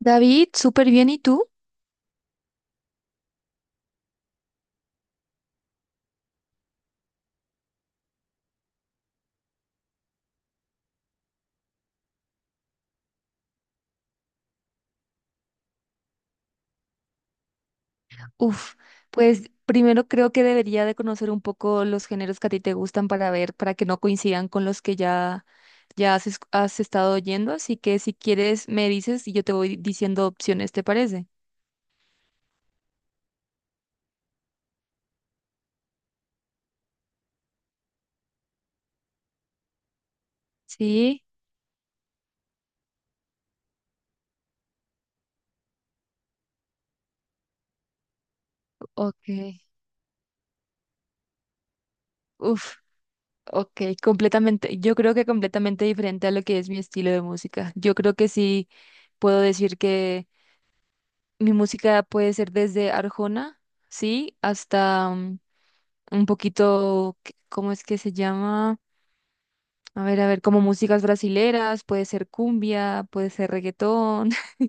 David, súper bien. ¿Y tú? Uf, pues primero creo que debería de conocer un poco los géneros que a ti te gustan para ver, para que no coincidan con los que ya, ya has, has estado oyendo. Así que si quieres, me dices y yo te voy diciendo opciones, ¿te parece? Sí, ok. Uf, ok, completamente. Yo creo que completamente diferente a lo que es mi estilo de música. Yo creo que sí puedo decir que mi música puede ser desde Arjona, sí, hasta un poquito. ¿Cómo es que se llama? A ver, como músicas brasileras, puede ser cumbia, puede ser reggaetón.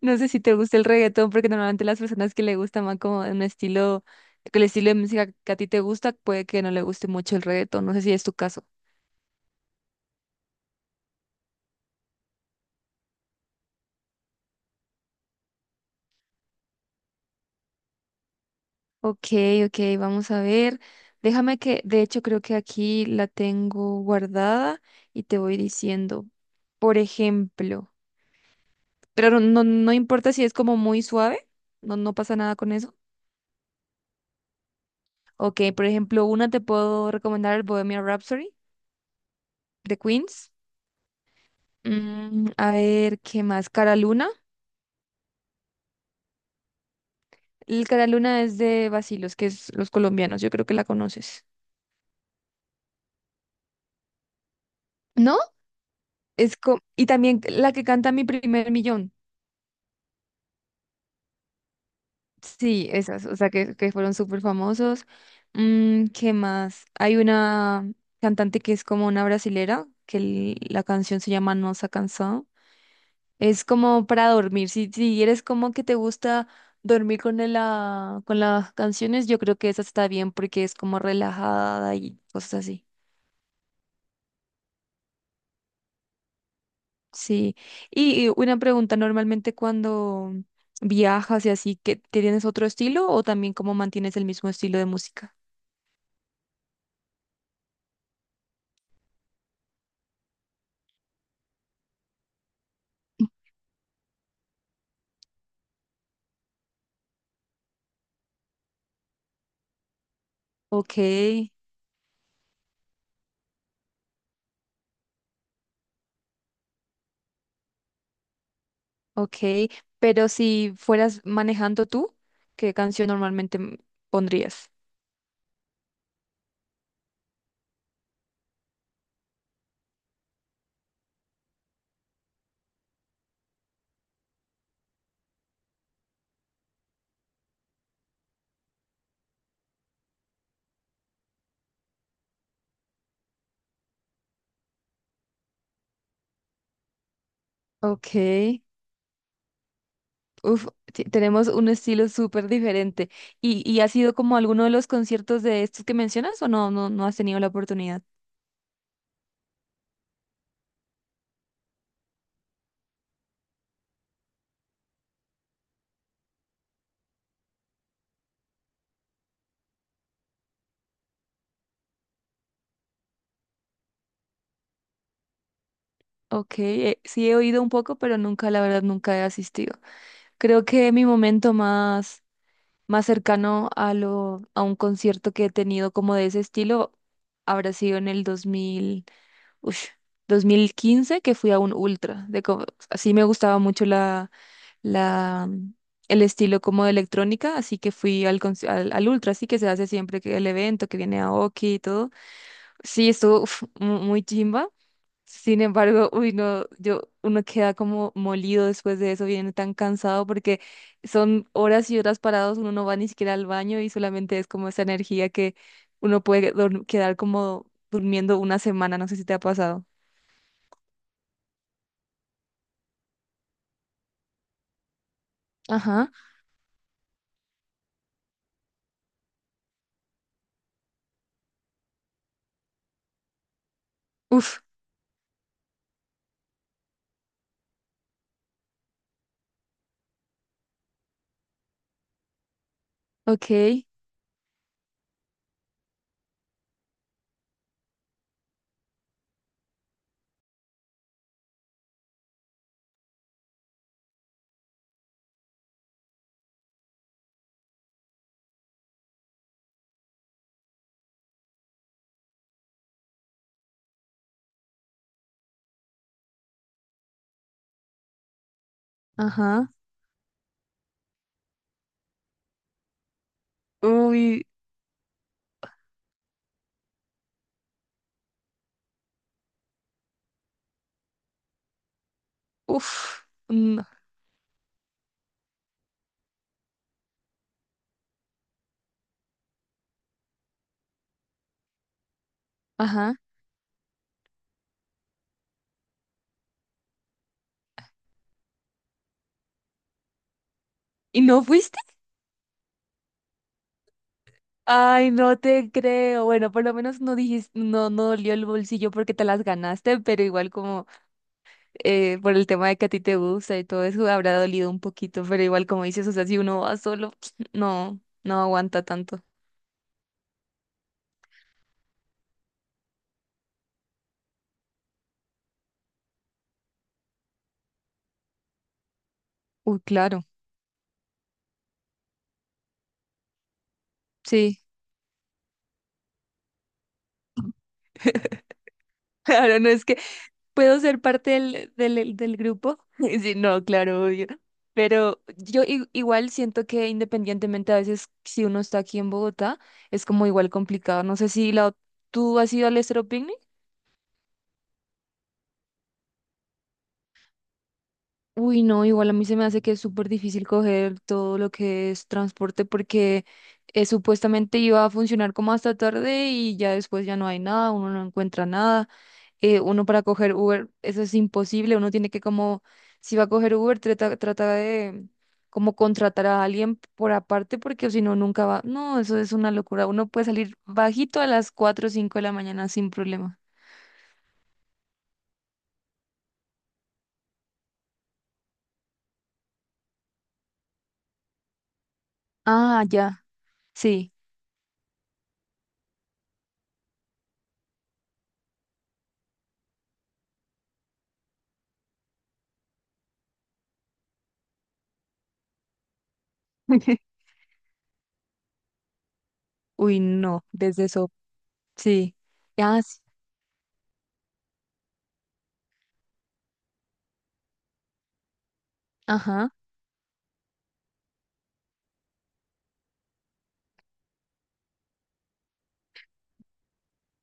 No sé si te gusta el reggaetón, porque normalmente las personas que le gusta más como un estilo, que el estilo de música que a ti te gusta, puede que no le guste mucho el reggaetón. No sé si es tu caso. Ok, ok, vamos a ver. Déjame que, de hecho, creo que aquí la tengo guardada y te voy diciendo, por ejemplo, pero no, no importa si es como muy suave, no, no pasa nada con eso. Ok, por ejemplo, una te puedo recomendar el Bohemian Rhapsody de Queens. A ver, ¿qué más? Cara Luna. El Cara Luna es de Vacilos, que es los colombianos. Yo creo que la conoces. ¿No? Y también la que canta Mi primer millón. Sí, esas, o sea, que fueron súper famosos. ¿Qué más? Hay una cantante que es como una brasilera, que la canción se llama No se ha cansado. Es como para dormir. Si, si eres como que te gusta dormir con con las canciones, yo creo que esa está bien porque es como relajada y cosas así. Sí. Y una pregunta, normalmente cuando viajas y así, ¿qué, tienes otro estilo o también cómo mantienes el mismo estilo de música? Ok, ok. Pero si fueras manejando tú, ¿qué canción normalmente pondrías? Ok. Uf, tenemos un estilo súper diferente. ¿Y has ido como a alguno de los conciertos de estos que mencionas o no, no, no has tenido la oportunidad? Ok, sí he oído un poco, pero nunca, la verdad, nunca he asistido. Creo que mi momento más, más cercano a lo, a un concierto que he tenido como de ese estilo habrá sido en el 2000, ush, 2015 que fui a un ultra. Así me gustaba mucho la, el estilo como de electrónica, así que fui al Ultra, así que se hace siempre que el evento, que viene Aoki y todo. Sí, estuvo uf, muy chimba. Sin embargo, uy, no, uno queda como molido después de eso, viene tan cansado porque son horas y horas parados, uno no va ni siquiera al baño y solamente es como esa energía que uno puede quedar como durmiendo una semana, no sé si te ha pasado. Ajá, uf, ok, ajá, uy, uf. Ajá. ¿Y no fuiste? Ay, no te creo. Bueno, por lo menos no dijiste, no, no dolió el bolsillo porque te las ganaste, pero igual como por el tema de que a ti te gusta y todo eso habrá dolido un poquito, pero igual como dices, o sea, si uno va solo, no, no aguanta tanto. Uy, claro, sí. Claro, no es que, ¿puedo ser parte del grupo? Sí, no, claro, obvio. Pero yo igual siento que independientemente a veces si uno está aquí en Bogotá, es como igual complicado. No sé si tú has ido al estroping. Uy, no, igual a mí se me hace que es súper difícil coger todo lo que es transporte porque supuestamente iba a funcionar como hasta tarde y ya después ya no hay nada, uno no encuentra nada. Uno para coger Uber, eso es imposible, uno tiene que como, si va a coger Uber, trata de como contratar a alguien por aparte porque si no, nunca va. No, eso es una locura. Uno puede salir bajito a las 4 o 5 de la mañana sin problema. Ah, ya. Sí. Uy, no, desde. Sí. Ah, sí. Ajá.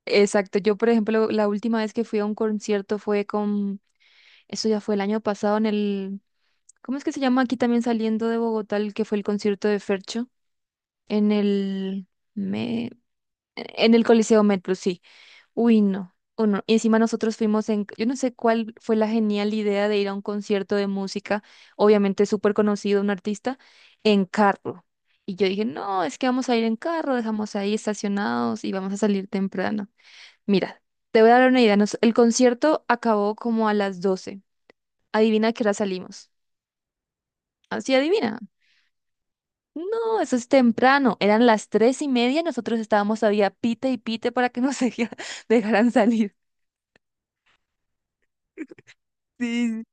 Exacto. Yo, por ejemplo, la última vez que fui a un concierto fue eso ya fue el año pasado ¿cómo es que se llama aquí también saliendo de Bogotá, el que fue el concierto de Fercho? En el, me... en el Coliseo Metro, sí. Uy, no. O no. Y encima nosotros fuimos yo no sé cuál fue la genial idea de ir a un concierto de música, obviamente súper conocido, un artista, en carro. Y yo dije, no, es que vamos a ir en carro, dejamos ahí estacionados y vamos a salir temprano. Mira, te voy a dar una idea. El concierto acabó como a las doce. Adivina a qué hora salimos. Así adivina. No, eso es temprano. Eran las tres y media, nosotros estábamos todavía pite y pite para que nos dejaran salir. Sí.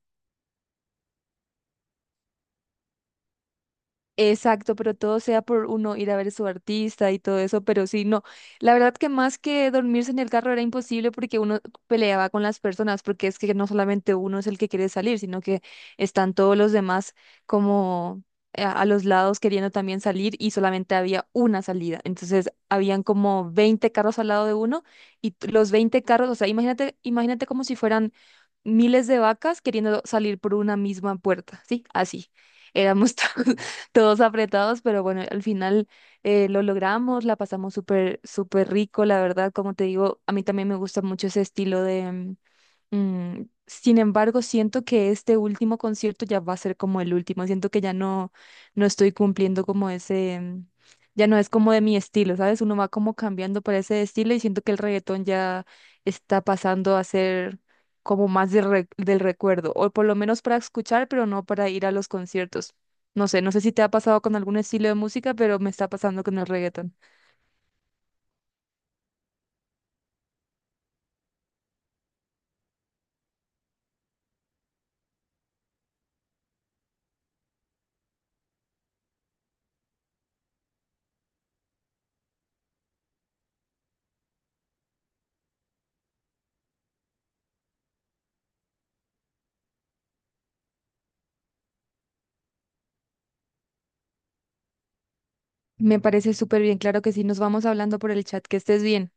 Exacto, pero todo sea por uno ir a ver a su artista y todo eso, pero sí, no. La verdad que más que dormirse en el carro era imposible porque uno peleaba con las personas, porque es que no solamente uno es el que quiere salir, sino que están todos los demás como a los lados queriendo también salir y solamente había una salida. Entonces, habían como 20 carros al lado de uno y los 20 carros, o sea, imagínate, imagínate como si fueran miles de vacas queriendo salir por una misma puerta, ¿sí? Así. Éramos todos todos apretados, pero bueno, al final lo logramos, la pasamos súper, súper rico, la verdad, como te digo, a mí también me gusta mucho ese estilo sin embargo, siento que este último concierto ya va a ser como el último. Siento que ya no, no estoy cumpliendo como ya no es como de mi estilo, ¿sabes? Uno va como cambiando para ese estilo y siento que el reggaetón ya está pasando a ser como más de del recuerdo, o por lo menos para escuchar, pero no para ir a los conciertos. No sé si te ha pasado con algún estilo de música, pero me está pasando con el reggaetón. Me parece súper bien, claro que sí, nos vamos hablando por el chat, que estés bien.